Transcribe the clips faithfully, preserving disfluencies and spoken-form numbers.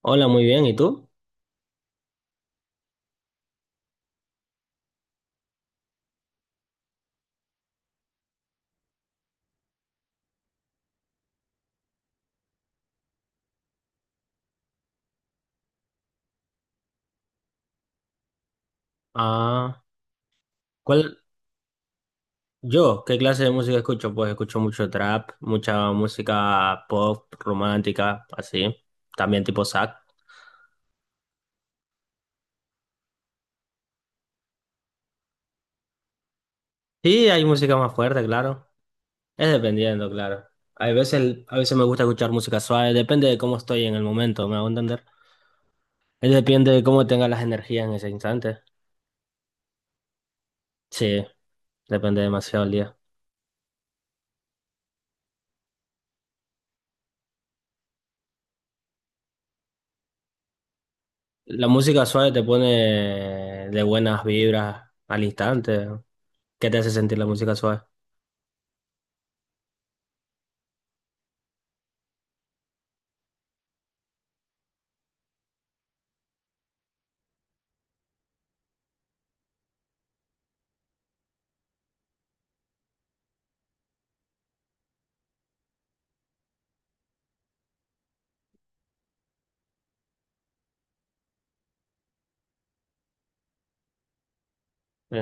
Hola, muy bien. ¿Y tú? Ah, ¿cuál? Yo, ¿qué clase de música escucho? Pues escucho mucho trap, mucha música pop, romántica, así. También tipo sac. Sí, hay música más fuerte, claro. Es dependiendo, claro. Hay veces, a veces me gusta escuchar música suave, depende de cómo estoy en el momento, ¿me hago entender? Es depende de cómo tenga las energías en ese instante. Sí, depende demasiado el día. La música suave te pone de buenas vibras al instante. ¿Qué te hace sentir la música suave? Sí.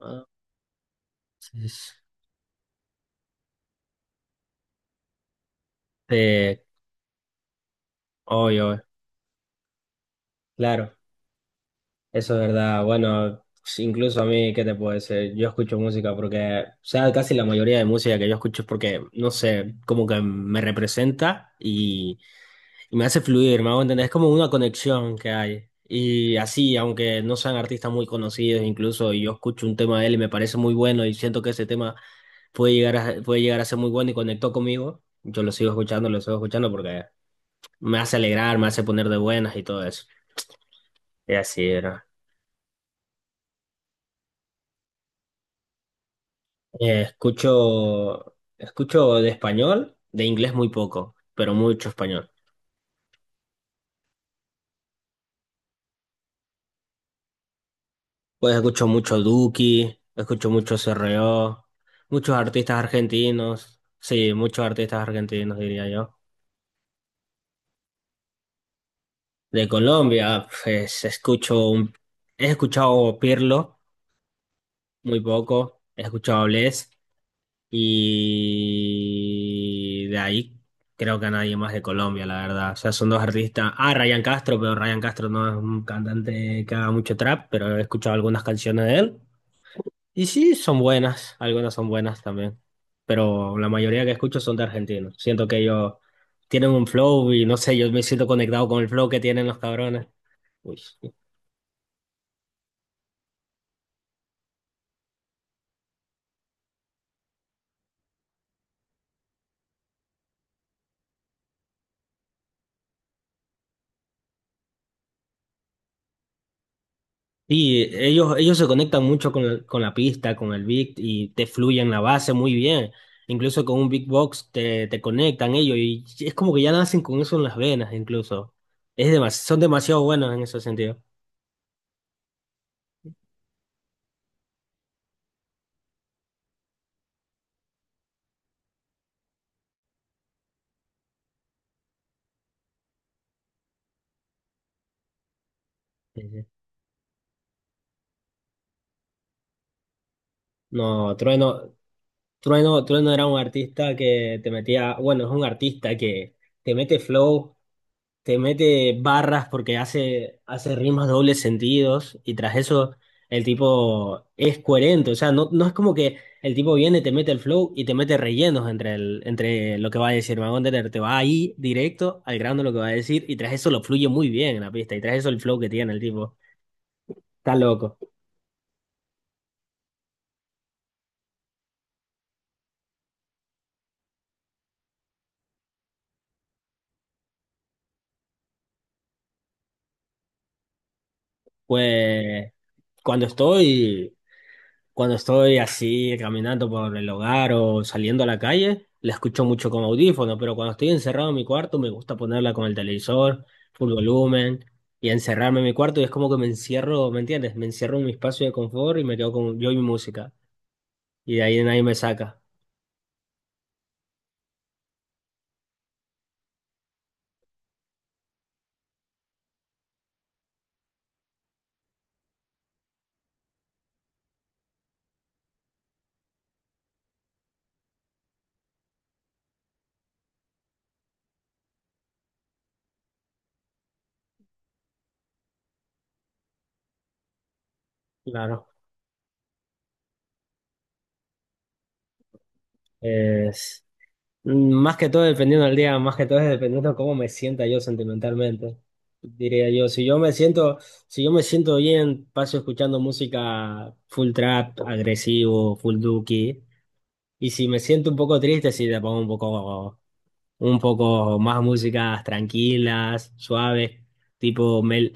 Ah. Este, obvio, claro, eso es verdad. Bueno, si incluso a mí, ¿qué te puedo decir? Yo escucho música porque, o sea, casi la mayoría de música que yo escucho es porque, no sé, como que me representa y, y me hace fluir, me hago entender. Es como una conexión que hay. Y así, aunque no sean artistas muy conocidos, incluso y yo escucho un tema de él y me parece muy bueno y siento que ese tema puede llegar a, puede llegar a ser muy bueno y conectó conmigo, yo lo sigo escuchando, lo sigo escuchando porque me hace alegrar, me hace poner de buenas y todo eso. Y así era. Eh, escucho, escucho de español, de inglés muy poco, pero mucho español. Pues escucho mucho Duki, escucho mucho C R O, muchos artistas argentinos, sí, muchos artistas argentinos diría yo. De Colombia, pues escucho un, he escuchado Pirlo muy poco, he escuchado Bless, y de ahí creo que a nadie más de Colombia, la verdad. O sea, son dos artistas. Ah, Ryan Castro, pero Ryan Castro no es un cantante que haga mucho trap, pero he escuchado algunas canciones de él. Y sí, son buenas, algunas son buenas también. Pero la mayoría que escucho son de argentinos. Siento que ellos tienen un flow y no sé, yo me siento conectado con el flow que tienen los cabrones. Uy. Y ellos, ellos se conectan mucho con, el- con la pista, con el beat y te fluyen la base muy bien. Incluso con un beatbox te, te conectan ellos y es como que ya nacen con eso en las venas incluso. Es demas- son demasiado buenos en ese sentido. Sí, sí. No, Trueno, Trueno, Trueno era un artista que te metía, bueno, es un artista que te mete flow te mete barras porque hace, hace rimas dobles sentidos y tras eso el tipo es coherente, o sea, no, no es como que el tipo viene, te mete el flow y te mete rellenos entre, el, entre lo que va a decir, me va entender, te va ahí directo al grano lo que va a decir y tras eso lo fluye muy bien en la pista y tras eso el flow que tiene el tipo, está loco. Pues cuando estoy... Cuando estoy así caminando por el hogar o saliendo a la calle, la escucho mucho con audífono, pero cuando estoy encerrado en mi cuarto me gusta ponerla con el televisor, full volumen, y encerrarme en mi cuarto y es como que me encierro, ¿me entiendes? Me encierro en mi espacio de confort y me quedo con yo y mi música. Y de ahí nadie me saca. Claro. Eh, más que todo dependiendo del día, más que todo es dependiendo de cómo me sienta yo sentimentalmente, diría yo. Si yo me siento, si yo me siento bien, paso escuchando música full trap, agresivo, full duki. Y si me siento un poco triste, sí le pongo un poco, un poco más músicas tranquilas, suaves, tipo mel,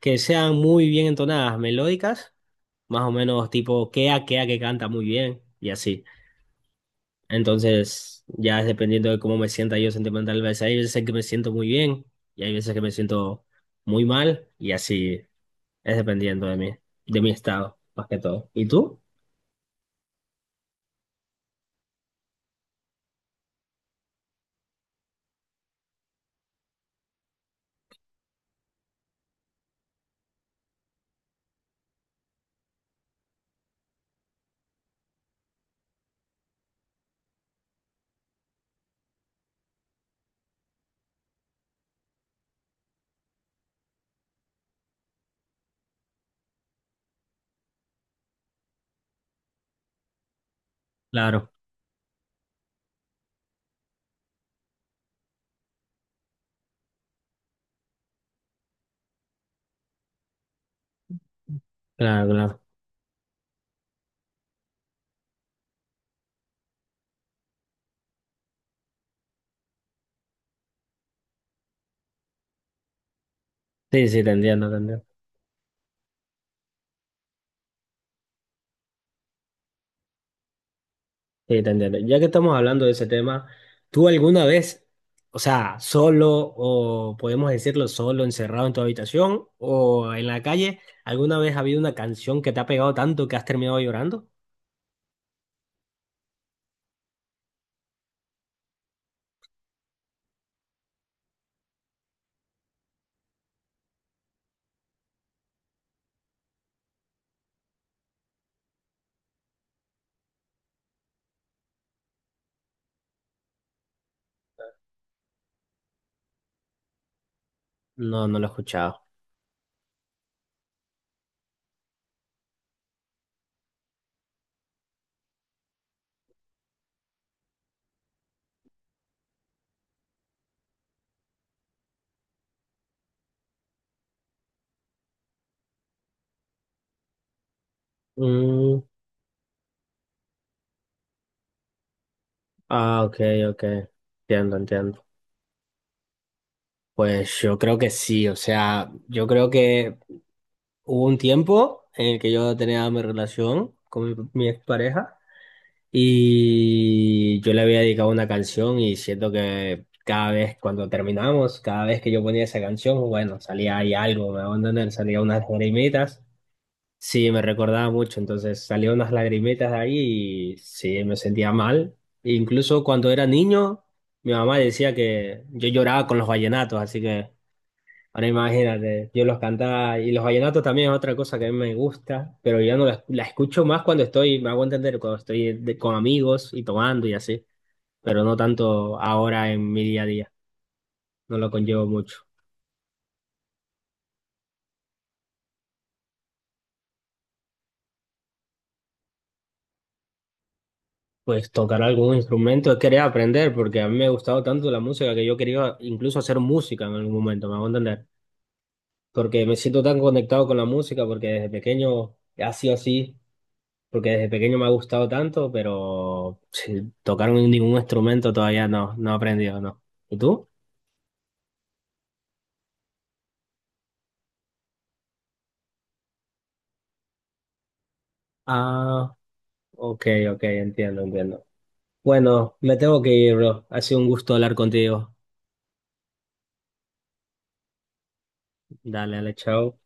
que sean muy bien entonadas, melódicas, más o menos tipo Kea Kea que canta muy bien y así. Entonces, ya es dependiendo de cómo me sienta yo sentimentalmente hay veces que me siento muy bien y hay veces que me siento muy mal y así es dependiendo de mí, de mi estado, más que todo. ¿Y tú? Claro, claro, claro. Sí, sí, te entiendo, te entiendo. Sí, te entiendo. Ya que estamos hablando de ese tema, ¿tú alguna vez, o sea, solo o podemos decirlo solo, encerrado en tu habitación o en la calle, alguna vez ha habido una canción que te ha pegado tanto que has terminado llorando? No, no lo he escuchado. Mm. Ah, ok, ok. Entiendo, entiendo. Pues yo creo que sí, o sea, yo creo que hubo un tiempo en el que yo tenía mi relación con mi, mi expareja y yo le había dedicado una canción y siento que cada vez cuando terminamos, cada vez que yo ponía esa canción, bueno, salía ahí algo, me van a entender, salía unas lagrimitas. Sí, me recordaba mucho, entonces salieron unas lagrimetas de ahí y sí, me sentía mal. E incluso cuando era niño, mi mamá decía que yo lloraba con los vallenatos, así que ahora imagínate, yo los cantaba y los vallenatos también es otra cosa que a mí me gusta, pero yo no la, la escucho más cuando estoy, me hago entender, cuando estoy de- con amigos y tomando y así, pero no tanto ahora en mi día a día, no lo conllevo mucho. Pues tocar algún instrumento, quería aprender, porque a mí me ha gustado tanto la música que yo quería incluso hacer música en algún momento, me hago entender. Porque me siento tan conectado con la música, porque desde pequeño ha sido así, porque desde pequeño me ha gustado tanto, pero sí, tocar un- ningún instrumento todavía no, no he aprendido, no. ¿Y tú? Ah, ok, ok, entiendo, entiendo. Bueno, me tengo que ir, bro. Ha sido un gusto hablar contigo. Dale, dale, chao.